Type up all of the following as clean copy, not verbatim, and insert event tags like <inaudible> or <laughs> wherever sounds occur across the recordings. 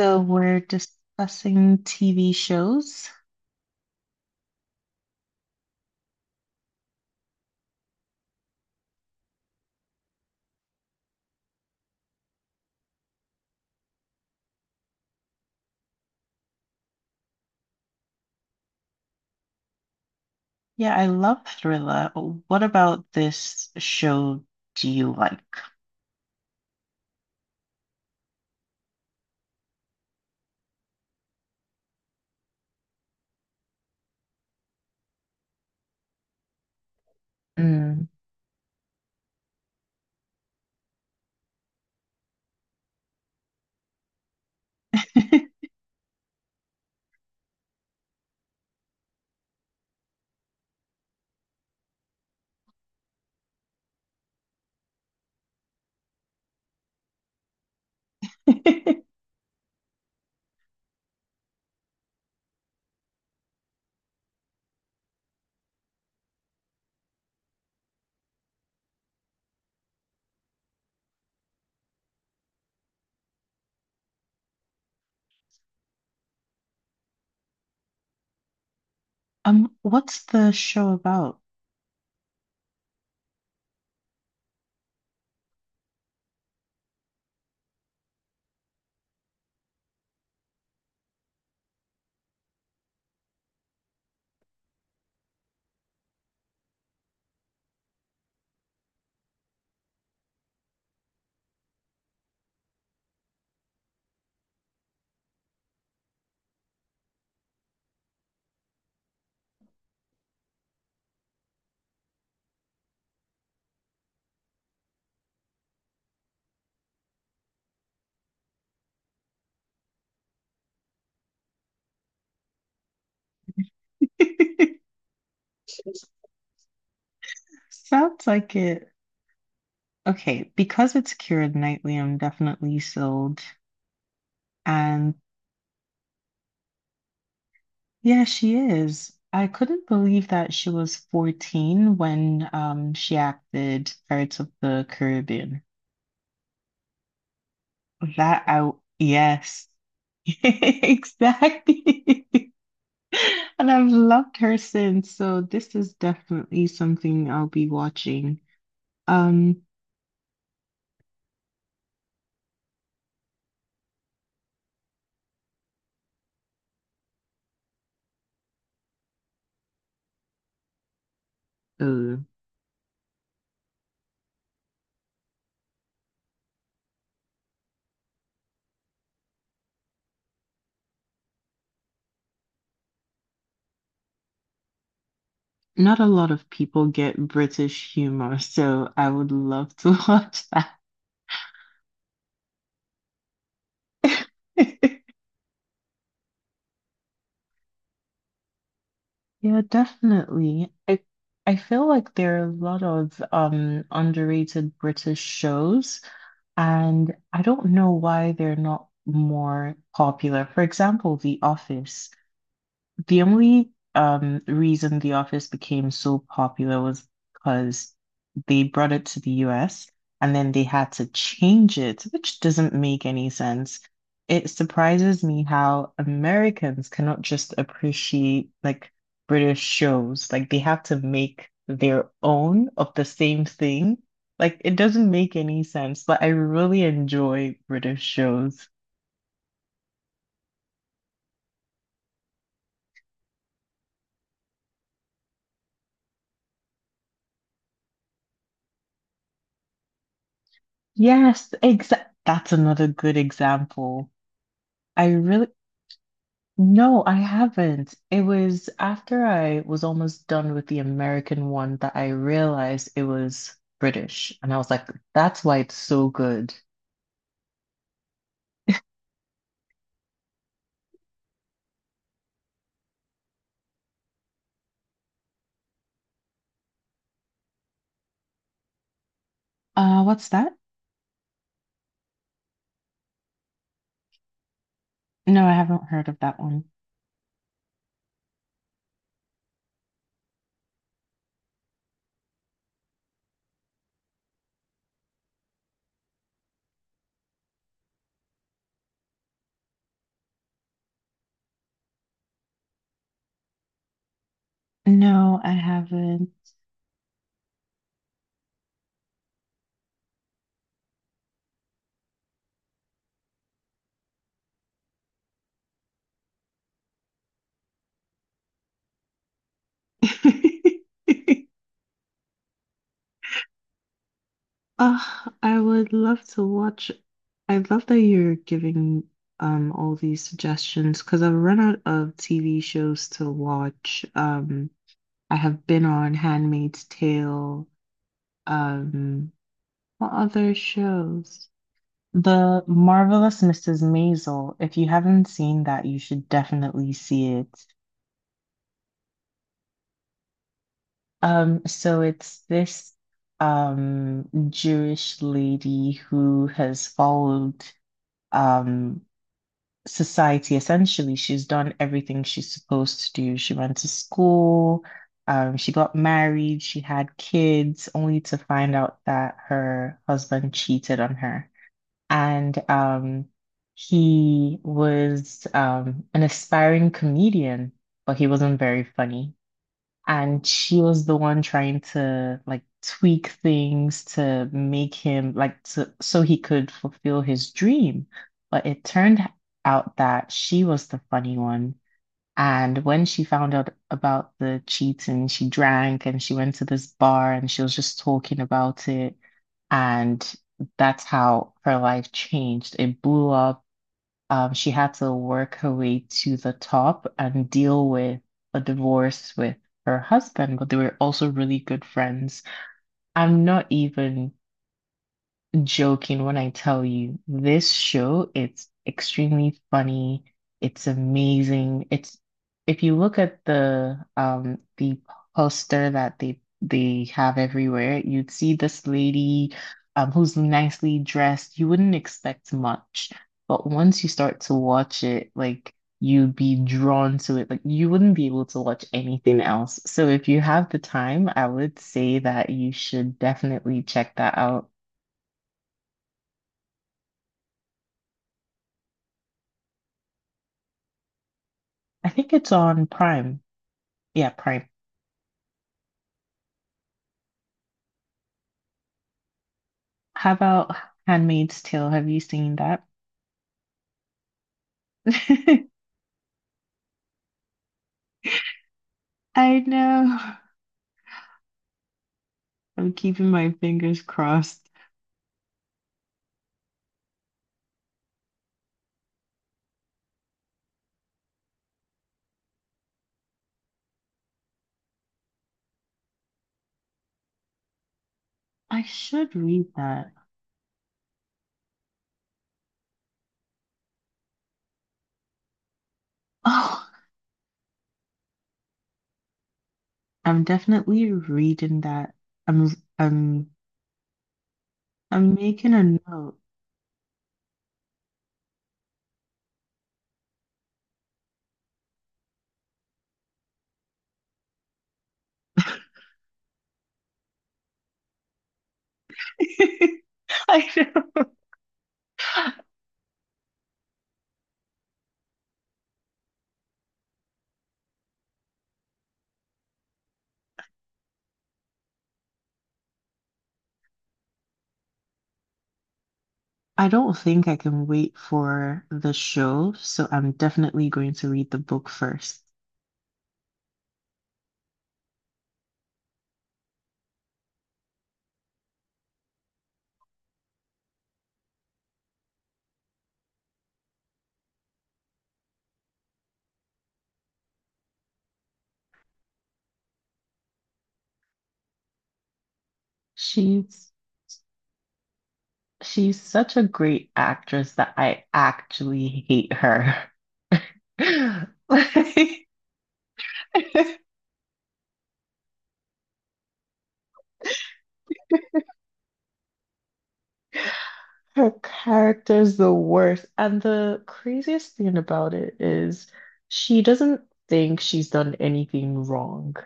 So we're discussing TV shows. Yeah, I love Thriller. What about this show do you like? Mm. <laughs> What's the show about? <laughs> Sounds like it. Okay, because it's Keira Knightley, I'm definitely sold. And yeah, she is. I couldn't believe that she was 14 when she acted Pirates of the Caribbean. That I yes. <laughs> Exactly. <laughs> And I've loved her since, so this is definitely something I'll be watching. Um, uh, Not a lot of people get British humor, so I would love to <laughs> watch that. <laughs> Yeah, definitely. I feel like there are a lot of underrated British shows. And I don't know why they're not more popular. For example, The Office. The only reason The Office became so popular was because they brought it to the US and then they had to change it, which doesn't make any sense. It surprises me how Americans cannot just appreciate like British shows. Like they have to make their own of the same thing. Like it doesn't make any sense, but I really enjoy British shows. Yes, exact. That's another good example. I really, No, I haven't. It was after I was almost done with the American one that I realized it was British. And I was like, that's why it's so good. What's that? No, I haven't heard of that one. No, I haven't. <laughs> Ah, I would love to watch. I love that you're giving all these suggestions because I've run out of TV shows to watch. I have been on Handmaid's Tale. Um, what other shows? The Marvelous Mrs. Maisel. If you haven't seen that, you should definitely see it. So it's this Jewish lady who has followed um society essentially. She's done everything she's supposed to do. She went to school, she got married, she had kids, only to find out that her husband cheated on her. And He was an aspiring comedian, but he wasn't very funny. And she was the one trying to like tweak things to make him so he could fulfill his dream. But it turned out that she was the funny one, and when she found out about the cheating, she drank and she went to this bar and she was just talking about it. And that's how her life changed. It blew up. She had to work her way to the top and deal with a divorce with her husband, but they were also really good friends. I'm not even joking when I tell you this show, it's extremely funny. It's amazing. It's if you look at the poster that they have everywhere, you'd see this lady who's nicely dressed. You wouldn't expect much, but once you start to watch it, like you'd be drawn to it. Like you wouldn't be able to watch anything else. So if you have the time, I would say that you should definitely check that out. I think it's on Prime. Yeah, Prime. How about Handmaid's Tale? Have you seen that? <laughs> I know. I'm keeping my fingers crossed. I should read that. Oh, I'm definitely reading that. I'm I'm I'm making a note. <laughs> I know. I don't think I can wait for the show, so I'm definitely going to read the book first. She's She's such a great actress that I actually hate her. <laughs> Like, <laughs> her character's the worst. And the craziest thing about it is she doesn't think she's done anything wrong.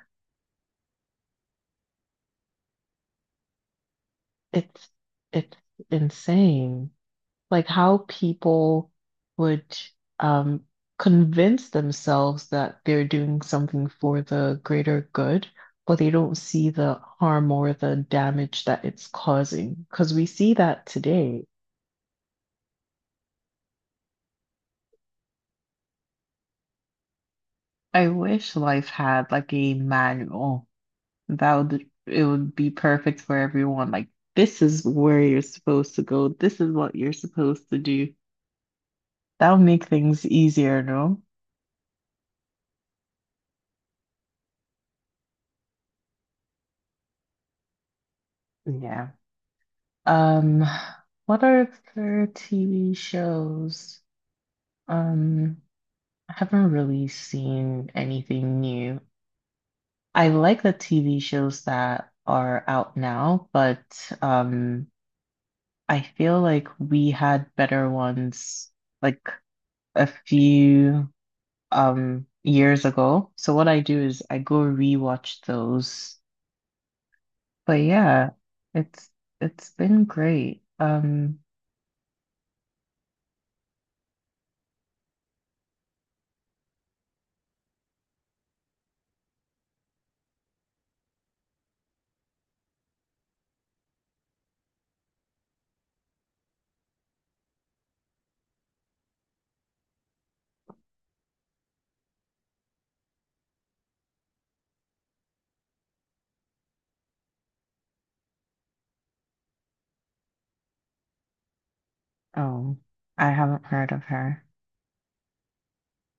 It's it's insane. Like how people would um, convince themselves that they're doing something for the greater good, but they don't see the harm or the damage that it's causing. Because we see that today. I wish life had like a manual that would it would be perfect for everyone. Like this is where you're supposed to go. This is what you're supposed to do. That would make things easier, no? Yeah. Um, what are their TV shows? Um, I haven't really seen anything new. I like the TV shows that are out now, but I feel like we had better ones like a few years ago. So what I do is I go rewatch those. But yeah, it's it's been great. Oh, I haven't heard of her.